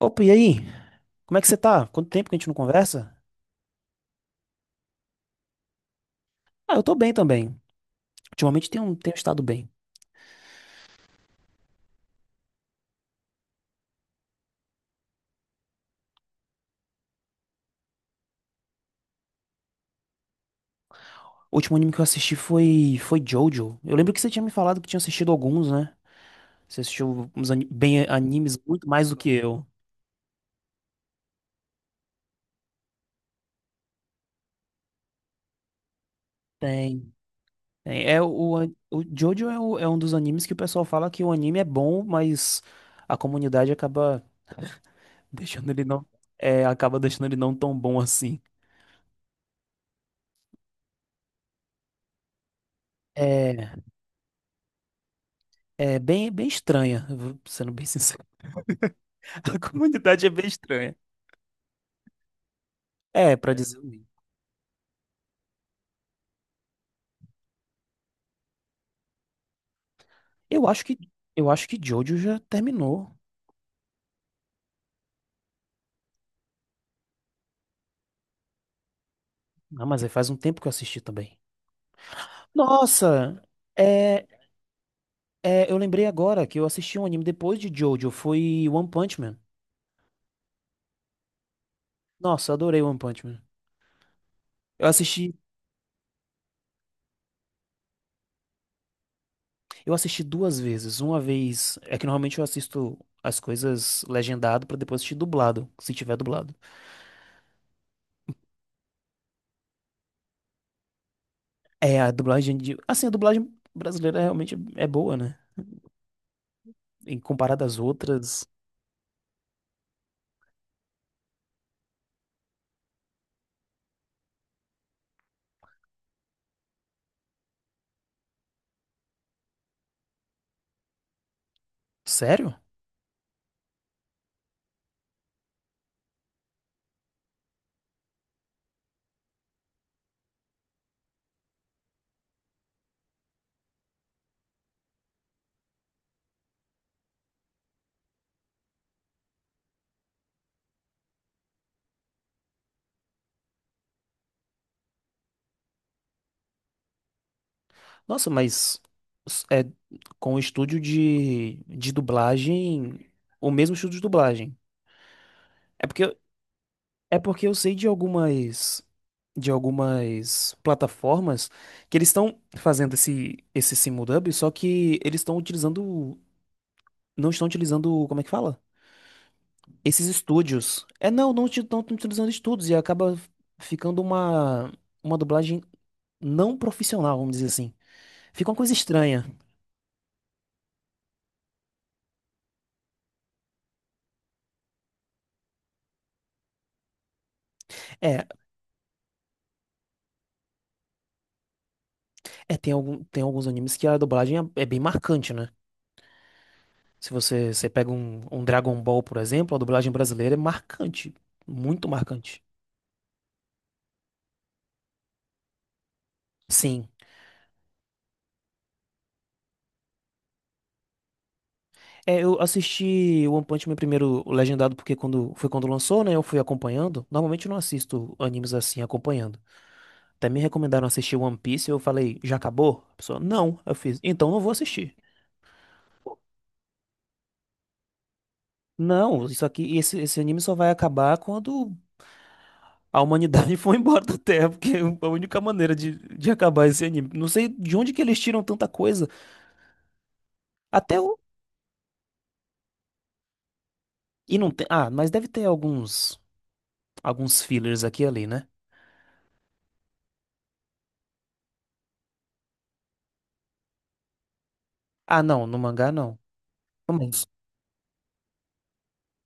Opa, e aí? Como é que você tá? Quanto tempo que a gente não conversa? Ah, eu tô bem também. Ultimamente tenho estado bem. O último anime que eu assisti foi Jojo. Eu lembro que você tinha me falado que tinha assistido alguns, né? Você assistiu bem animes muito mais do que eu. Tem. Tem. O Jojo é um dos animes que o pessoal fala que o anime é bom, mas a comunidade acaba deixando ele não. É, acaba deixando ele não tão bom assim. É, é bem estranha, eu vou sendo bem sincero. A comunidade é bem estranha. É, pra dizer o mínimo. Eu acho que eu acho que Jojo já terminou. Ah, mas aí faz um tempo que eu assisti também. Nossa, é, é, eu lembrei agora que eu assisti um anime depois de Jojo, foi One Punch Man. Nossa, eu adorei One Punch Man. Eu assisti, eu assisti duas vezes. Uma vez, é que normalmente eu assisto as coisas legendado pra depois assistir dublado, se tiver dublado. É, a dublagem de, assim, a dublagem brasileira realmente é boa, né? Em comparado às outras. Sério? Nossa, mas é com o estúdio de dublagem, o mesmo estúdio de dublagem. É porque, eu- É porque eu sei de algumas plataformas que eles estão fazendo esse simuldub, só que eles estão utilizando não estão utilizando, como é que fala? Esses estúdios. É, não, não estão utilizando estúdios e acaba ficando uma dublagem não profissional, vamos dizer assim. Fica uma coisa estranha. É, é, tem alguns animes que a dublagem é, é bem marcante, né? Se você, você pega um, um Dragon Ball, por exemplo, a dublagem brasileira é marcante. Muito marcante. Sim. É, eu assisti One Punch Man primeiro legendado porque quando lançou, né? Eu fui acompanhando. Normalmente eu não assisto animes assim acompanhando. Até me recomendaram assistir One Piece, eu falei, já acabou? A pessoa, não. Eu fiz, então não vou assistir. Não, isso aqui, esse anime só vai acabar quando a humanidade foi embora da Terra, porque é a única maneira de acabar esse anime. Não sei de onde que eles tiram tanta coisa. Até o. E não tem. Ah, mas deve ter alguns. Alguns fillers aqui e ali, né? Ah, não, no mangá não. Mas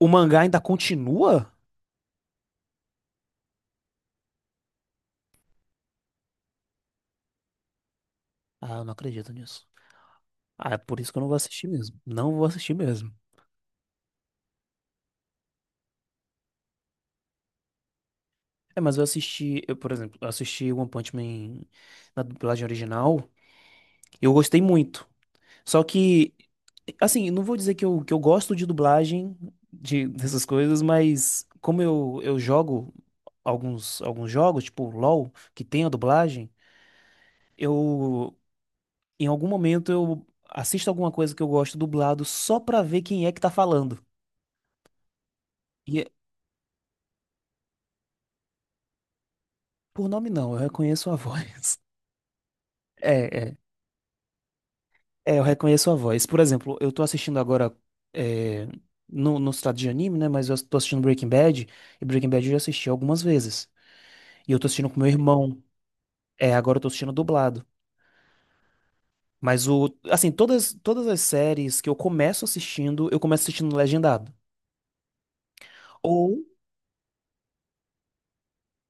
o mangá ainda continua? Ah, eu não acredito nisso. Ah, é por isso que eu não vou assistir mesmo. Não vou assistir mesmo. É, mas eu assisti. Eu, por exemplo, eu assisti One Punch Man na dublagem original. Eu gostei muito. Só que, assim, não vou dizer que eu gosto de dublagem, de, dessas coisas, mas como eu jogo alguns jogos, tipo LoL, que tem a dublagem, eu, em algum momento, eu assisto alguma coisa que eu gosto dublado só pra ver quem é que tá falando. E, é- por nome não, eu reconheço a voz. É, é, é, eu reconheço a voz. Por exemplo, eu tô assistindo agora, é, no estado de anime, né, mas eu tô assistindo Breaking Bad, e Breaking Bad eu já assisti algumas vezes. E eu tô assistindo com meu irmão. É, agora eu tô assistindo dublado. Mas o, assim, todas as séries que eu começo assistindo legendado. Ou,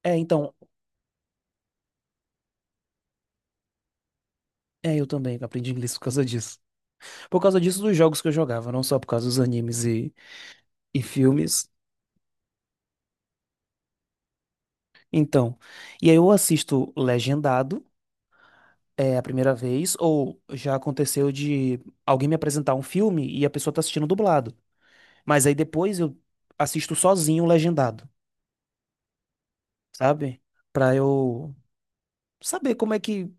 é, então, é, eu também aprendi inglês por causa disso. Por causa disso dos jogos que eu jogava, não só por causa dos animes e filmes. Então, e aí eu assisto legendado, é, a primeira vez, ou já aconteceu de alguém me apresentar um filme e a pessoa tá assistindo dublado. Mas aí depois eu assisto sozinho legendado, sabe? Pra eu saber como é que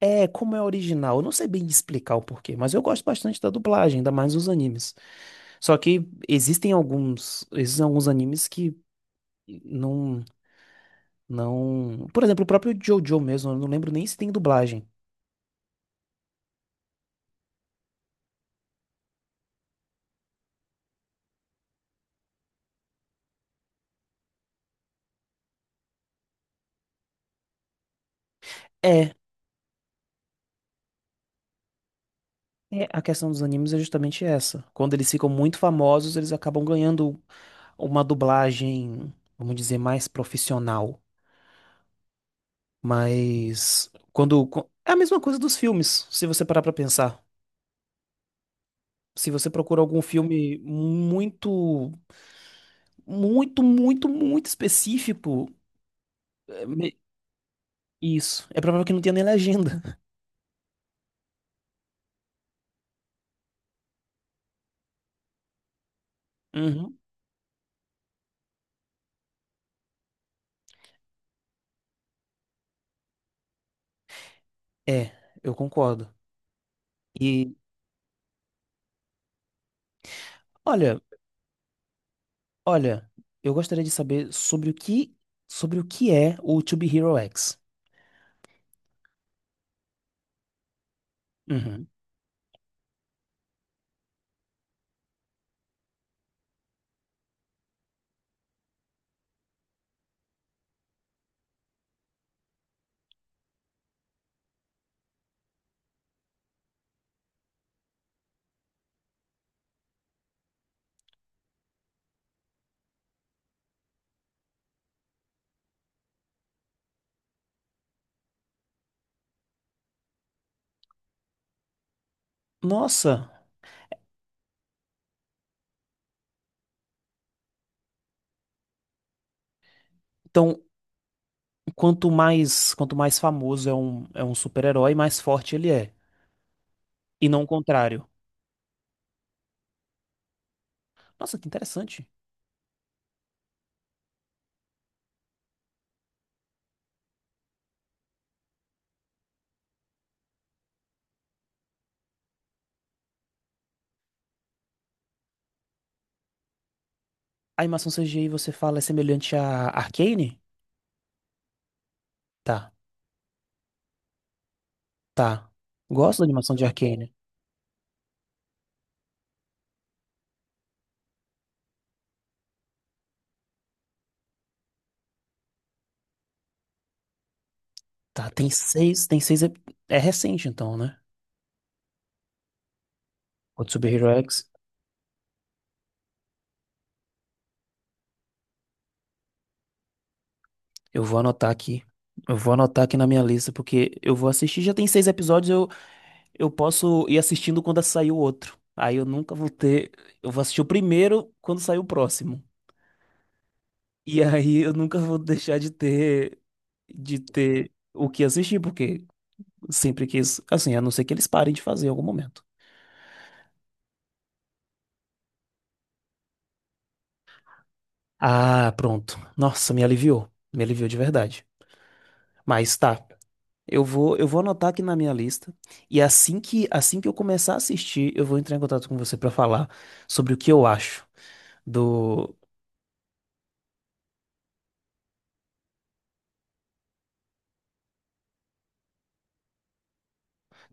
é, como é original. Eu não sei bem explicar o porquê, mas eu gosto bastante da dublagem, ainda mais os animes. Só que existem alguns animes que não, não. Por exemplo, o próprio JoJo mesmo, eu não lembro nem se tem dublagem. É. É, a questão dos animes é justamente essa. Quando eles ficam muito famosos, eles acabam ganhando uma dublagem, vamos dizer, mais profissional. Mas é a mesma coisa dos filmes, se você parar pra pensar. Se você procura algum filme muito específico, é me- isso. É provável que não tenha nem legenda. Uhum. É, eu concordo. E olha, olha, eu gostaria de saber sobre o que é o To Be Hero X. Uhum. Nossa, então quanto mais famoso é um super-herói, mais forte ele é. E não o contrário. Nossa, que interessante. A animação CGI, você fala, é semelhante a Arcane? Tá. Tá. Gosto da animação de Arcane. Tá, tem seis. É recente então, né? Kotsubiri Hero X. Eu vou anotar aqui. Eu vou anotar aqui na minha lista, porque eu vou assistir. Já tem 6 episódios, eu posso ir assistindo quando sair o outro. Aí eu nunca vou ter. Eu vou assistir o primeiro quando sair o próximo. E aí eu nunca vou deixar de ter. De ter o que assistir, porque sempre quis. Assim, a não ser que eles parem de fazer em algum momento. Ah, pronto. Nossa, me aliviou. Me aliviou de verdade. Mas tá. Eu vou anotar aqui na minha lista e assim que eu começar a assistir, eu vou entrar em contato com você pra falar sobre o que eu acho do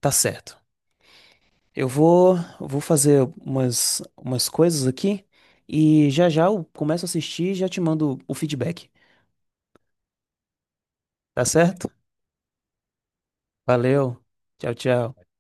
tá certo. Eu vou fazer umas coisas aqui e já já eu começo a assistir e já te mando o feedback. Tá certo? Valeu. Tchau, tchau.